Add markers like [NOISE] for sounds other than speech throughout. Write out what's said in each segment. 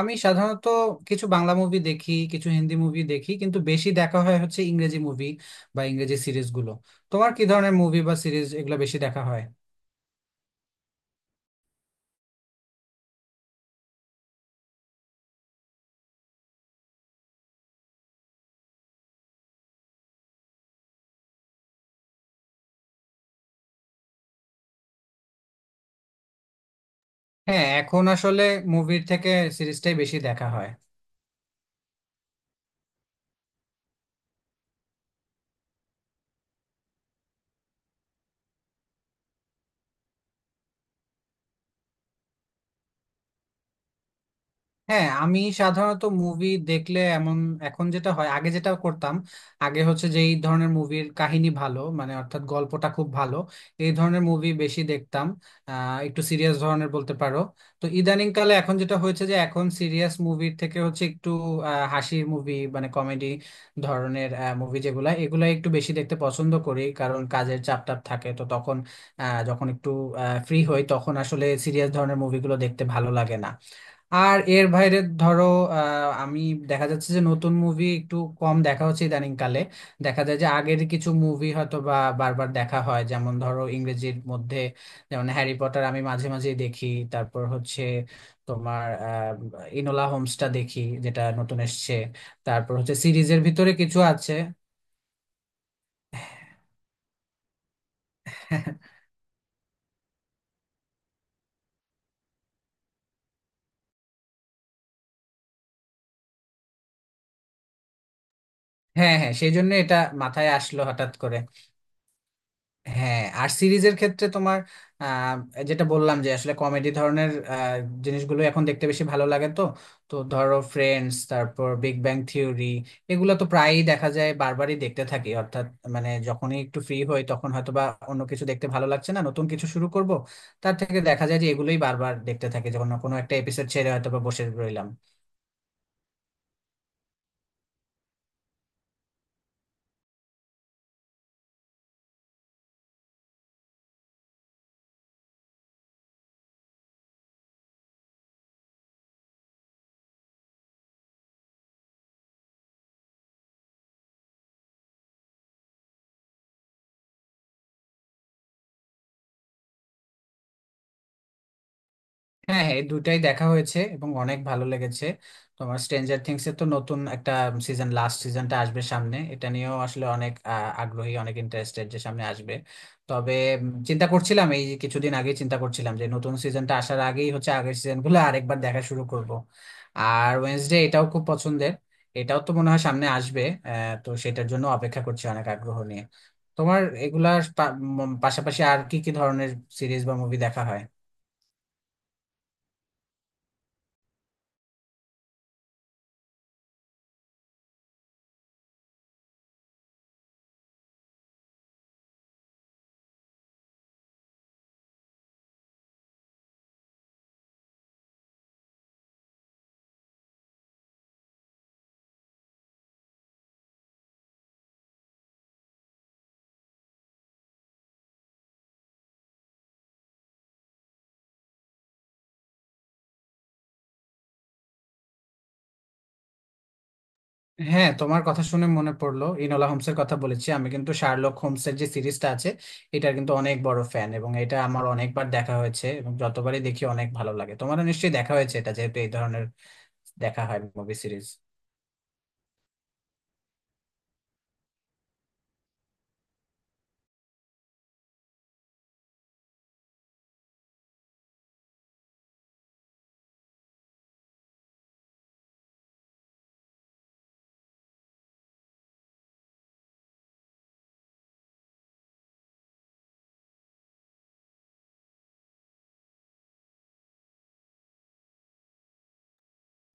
আমি সাধারণত কিছু বাংলা মুভি দেখি, কিছু হিন্দি মুভি দেখি, কিন্তু বেশি দেখা হয় হচ্ছে ইংরেজি মুভি বা ইংরেজি সিরিজগুলো। তোমার কি ধরনের মুভি বা সিরিজ এগুলো বেশি দেখা হয়? হ্যাঁ, এখন আসলে মুভির থেকে সিরিজটাই বেশি দেখা হয়। হ্যাঁ, আমি সাধারণত মুভি দেখলে এমন এখন যেটা হয়, আগে যেটা করতাম, আগে হচ্ছে যে এই ধরনের মুভির কাহিনী ভালো, মানে অর্থাৎ গল্পটা খুব ভালো, এই ধরনের মুভি বেশি দেখতাম। একটু সিরিয়াস ধরনের বলতে পারো। তো ইদানিং কালে এখন যেটা হয়েছে যে এখন সিরিয়াস মুভির থেকে হচ্ছে একটু হাসির মুভি, মানে কমেডি ধরনের মুভি, যেগুলা এগুলা একটু বেশি দেখতে পছন্দ করি, কারণ কাজের চাপ টাপ থাকে তো তখন যখন একটু ফ্রি হই তখন আসলে সিরিয়াস ধরনের মুভিগুলো দেখতে ভালো লাগে না। আর এর বাইরে ধরো, আমি দেখা যাচ্ছে যে নতুন মুভি একটু কম দেখা হচ্ছে ইদানিং কালে। দেখা যায় যে আগের কিছু মুভি হয়তো বা বারবার দেখা হয়, যেমন ধরো ইংরেজির মধ্যে যেমন হ্যারি পটার আমি মাঝে মাঝে দেখি। তারপর হচ্ছে তোমার ইনোলা হোমসটা দেখি, যেটা নতুন এসছে। তারপর হচ্ছে সিরিজের ভিতরে কিছু আছে। [LAUGHS] হ্যাঁ হ্যাঁ, সেই জন্য এটা মাথায় আসলো হঠাৎ করে। হ্যাঁ, আর সিরিজের ক্ষেত্রে তোমার আহ, যেটা বললাম যে আসলে কমেডি ধরনের জিনিসগুলো এখন দেখতে বেশি ভালো লাগে। তো, তো ধরো ফ্রেন্ডস, তারপর বিগ ব্যাং থিওরি, এগুলো তো প্রায়ই দেখা যায়, বারবারই দেখতে থাকি। অর্থাৎ মানে যখনই একটু ফ্রি হই তখন হয়তো বা অন্য কিছু দেখতে ভালো লাগছে না, নতুন কিছু শুরু করব, তার থেকে দেখা যায় যে এগুলোই বারবার দেখতে থাকি, যখন কোনো একটা এপিসোড ছেড়ে হয়তো বা বসে রইলাম। হ্যাঁ হ্যাঁ, এই দুটাই দেখা হয়েছে এবং অনেক ভালো লেগেছে। তোমার স্ট্রেঞ্জার থিংস এর তো নতুন একটা সিজন, লাস্ট সিজনটা আসবে সামনে, এটা নিয়েও আসলে অনেক আগ্রহী, অনেক ইন্টারেস্টেড যে সামনে আসবে। তবে চিন্তা করছিলাম এই কিছুদিন আগে, চিন্তা করছিলাম যে নতুন সিজনটা আসার আগেই হচ্ছে আগের সিজনগুলো আরেকবার দেখা শুরু করব। আর ওয়েনসডে এটাও খুব পছন্দের, এটাও তো মনে হয় সামনে আসবে। তো সেটার জন্য অপেক্ষা করছি অনেক আগ্রহ নিয়ে। তোমার পাশাপাশি আর কি কি ধরনের সিরিজ বা মুভি দেখা হয়? হ্যাঁ, তোমার কথা শুনে মনে পড়লো, ইনোলা হোমসের কথা বলেছি আমি, কিন্তু শার্লক হোমসের যে সিরিজটা আছে এটার কিন্তু অনেক বড় ফ্যান, এবং এটা আমার অনেকবার দেখা হয়েছে এবং যতবারই দেখি অনেক ভালো লাগে। তোমারও নিশ্চয়ই দেখা হয়েছে এটা, যেহেতু এই ধরনের দেখা হয় মুভি সিরিজ।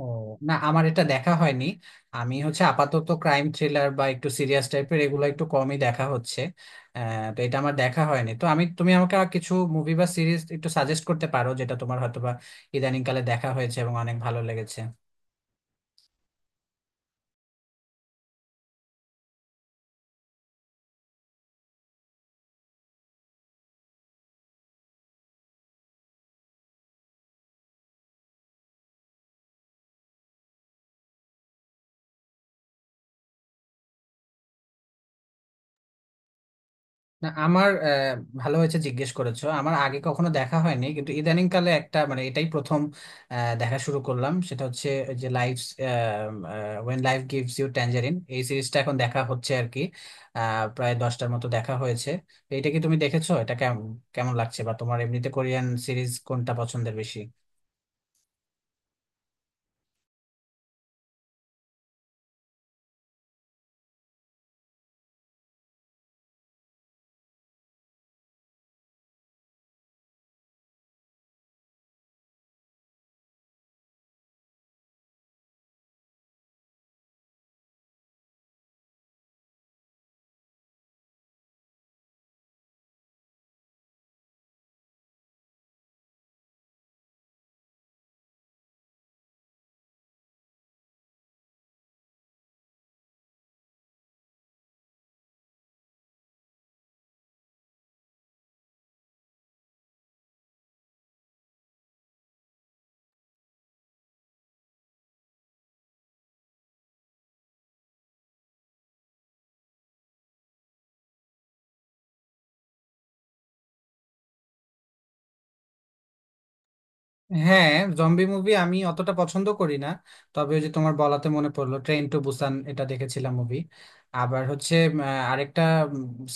ও, না, আমার এটা দেখা হয়নি। আমি হচ্ছে আপাতত ক্রাইম থ্রিলার বা একটু সিরিয়াস টাইপের এগুলো একটু কমই দেখা হচ্ছে। তো এটা আমার দেখা হয়নি। তো তুমি আমাকে আর কিছু মুভি বা সিরিজ একটু সাজেস্ট করতে পারো, যেটা তোমার হয়তোবা ইদানিংকালে দেখা হয়েছে এবং অনেক ভালো লেগেছে? না, আমার ভালো হয়েছে জিজ্ঞেস করেছো, আমার আগে কখনো দেখা হয়নি, কিন্তু ইদানিং কালে একটা, মানে এটাই প্রথম দেখা শুরু করলাম, সেটা হচ্ছে ওই যে Life, When Life Gives You Tangerines, এই সিরিজটা এখন দেখা হচ্ছে আর কি। প্রায় 10টার মতো দেখা হয়েছে। তো এটা কি তুমি দেখেছো? এটা কেমন, কেমন লাগছে? বা তোমার এমনিতে কোরিয়ান সিরিজ কোনটা পছন্দের বেশি? হ্যাঁ, জম্বি মুভি আমি অতটা পছন্দ করি না, তবে ওই যে তোমার বলাতে মনে পড়লো, ট্রেন টু বুসান এটা দেখেছিলাম মুভি। আবার হচ্ছে আরেকটা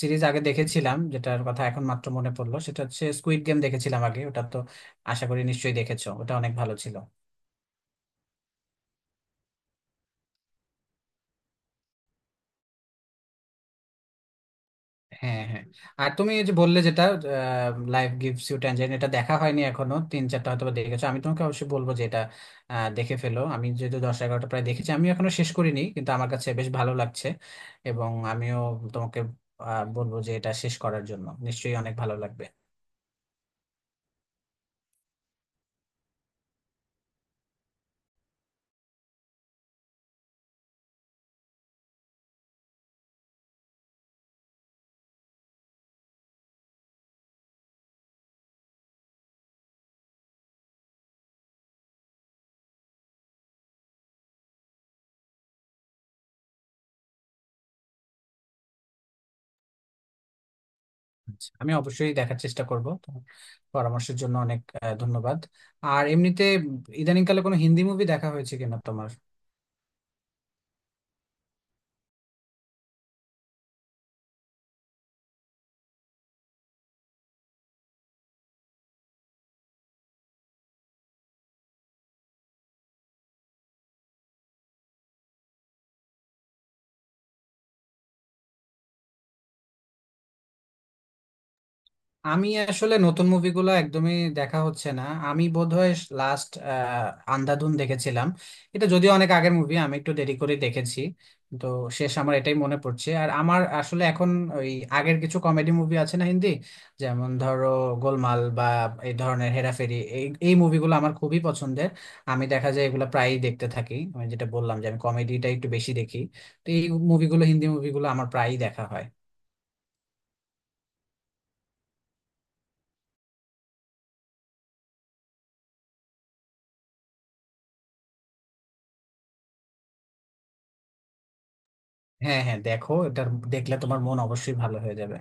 সিরিজ আগে দেখেছিলাম, যেটার কথা এখন মাত্র মনে পড়লো, সেটা হচ্ছে স্কুইড গেম, দেখেছিলাম আগে ওটা। তো আশা করি নিশ্চয়ই দেখেছো, ওটা অনেক ভালো ছিল। হ্যাঁ হ্যাঁ, আর তুমি এই যে বললে যেটা লাইফ গিভস ইউ ট্যানজারিন, এটা দেখা হয়নি এখনো, তিন চারটা হয়তো বা দেখেছো। আমি তোমাকে অবশ্যই বলবো যে এটা দেখে ফেলো। আমি যেহেতু 10-11টা প্রায় দেখেছি, আমি এখনো শেষ করিনি, কিন্তু আমার কাছে বেশ ভালো লাগছে। এবং আমিও তোমাকে বলবো যে এটা শেষ করার জন্য নিশ্চয়ই অনেক ভালো লাগবে। আচ্ছা, আমি অবশ্যই দেখার চেষ্টা করব। তোমার পরামর্শের জন্য অনেক ধন্যবাদ। আর এমনিতে ইদানিংকালে কোনো হিন্দি মুভি দেখা হয়েছে কিনা তোমার? আমি আসলে নতুন মুভিগুলো একদমই দেখা হচ্ছে না। আমি বোধহয় লাস্ট আন্ধাধুন দেখেছিলাম। এটা যদিও অনেক আগের মুভি, আমি একটু দেরি করে দেখেছি। তো শেষ আমার এটাই মনে পড়ছে। আর আমার আসলে এখন ওই আগের কিছু কমেডি মুভি আছে না হিন্দি, যেমন ধরো গোলমাল বা এই ধরনের হেরাফেরি, এই এই মুভিগুলো আমার খুবই পছন্দের। আমি দেখা যায় এগুলো প্রায়ই দেখতে থাকি। আমি যেটা বললাম যে আমি কমেডিটা একটু বেশি দেখি, তো এই মুভিগুলো, হিন্দি মুভিগুলো আমার প্রায়ই দেখা হয়। হ্যাঁ হ্যাঁ, দেখো, এটা দেখলে তোমার মন অবশ্যই ভালো হয়ে যাবে।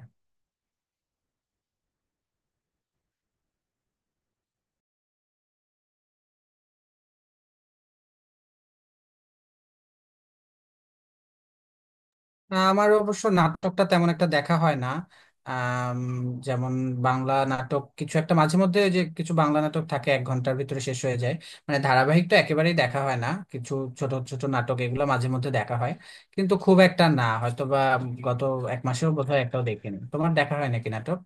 আমার অবশ্য নাটকটা তেমন একটা দেখা হয় না। আম, যেমন বাংলা নাটক কিছু একটা মাঝে মধ্যে, ওই যে কিছু বাংলা নাটক থাকে 1 ঘন্টার ভিতরে শেষ হয়ে যায়, মানে ধারাবাহিক তো একেবারেই দেখা হয় না, কিছু ছোট ছোট নাটক এগুলো মাঝে মধ্যে দেখা হয়। কিন্তু খুব একটা না, হয়তো বা গত 1 মাসেও বোধহয় একটাও দেখিনি। তোমার দেখা হয় নাকি নাটক?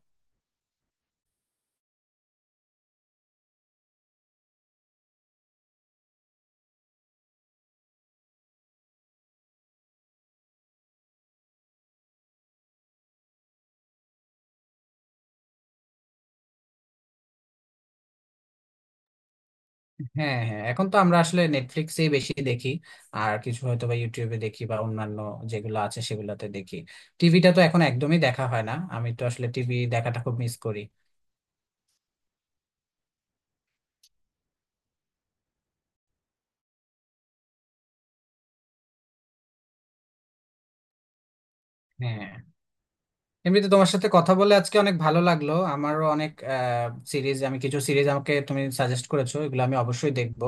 হ্যাঁ হ্যাঁ, এখন তো আমরা আসলে নেটফ্লিক্সেই বেশি দেখি, আর কিছু হয়তো বা ইউটিউবে দেখি বা অন্যান্য যেগুলো আছে সেগুলোতে দেখি। টিভিটা তো এখন একদমই দেখা হয় না, আমি তো আসলে টিভি দেখাটা খুব মিস করি। হ্যাঁ, এমনিতে তোমার সাথে কথা বলে আজকে অনেক ভালো লাগলো। আমারও অনেক সিরিজ, আমি কিছু সিরিজ আমাকে তুমি সাজেস্ট করেছো, এগুলো আমি অবশ্যই দেখব।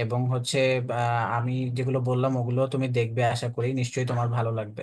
এবং হচ্ছে আমি যেগুলো বললাম ওগুলো তুমি দেখবে আশা করি, নিশ্চয়ই তোমার ভালো লাগবে।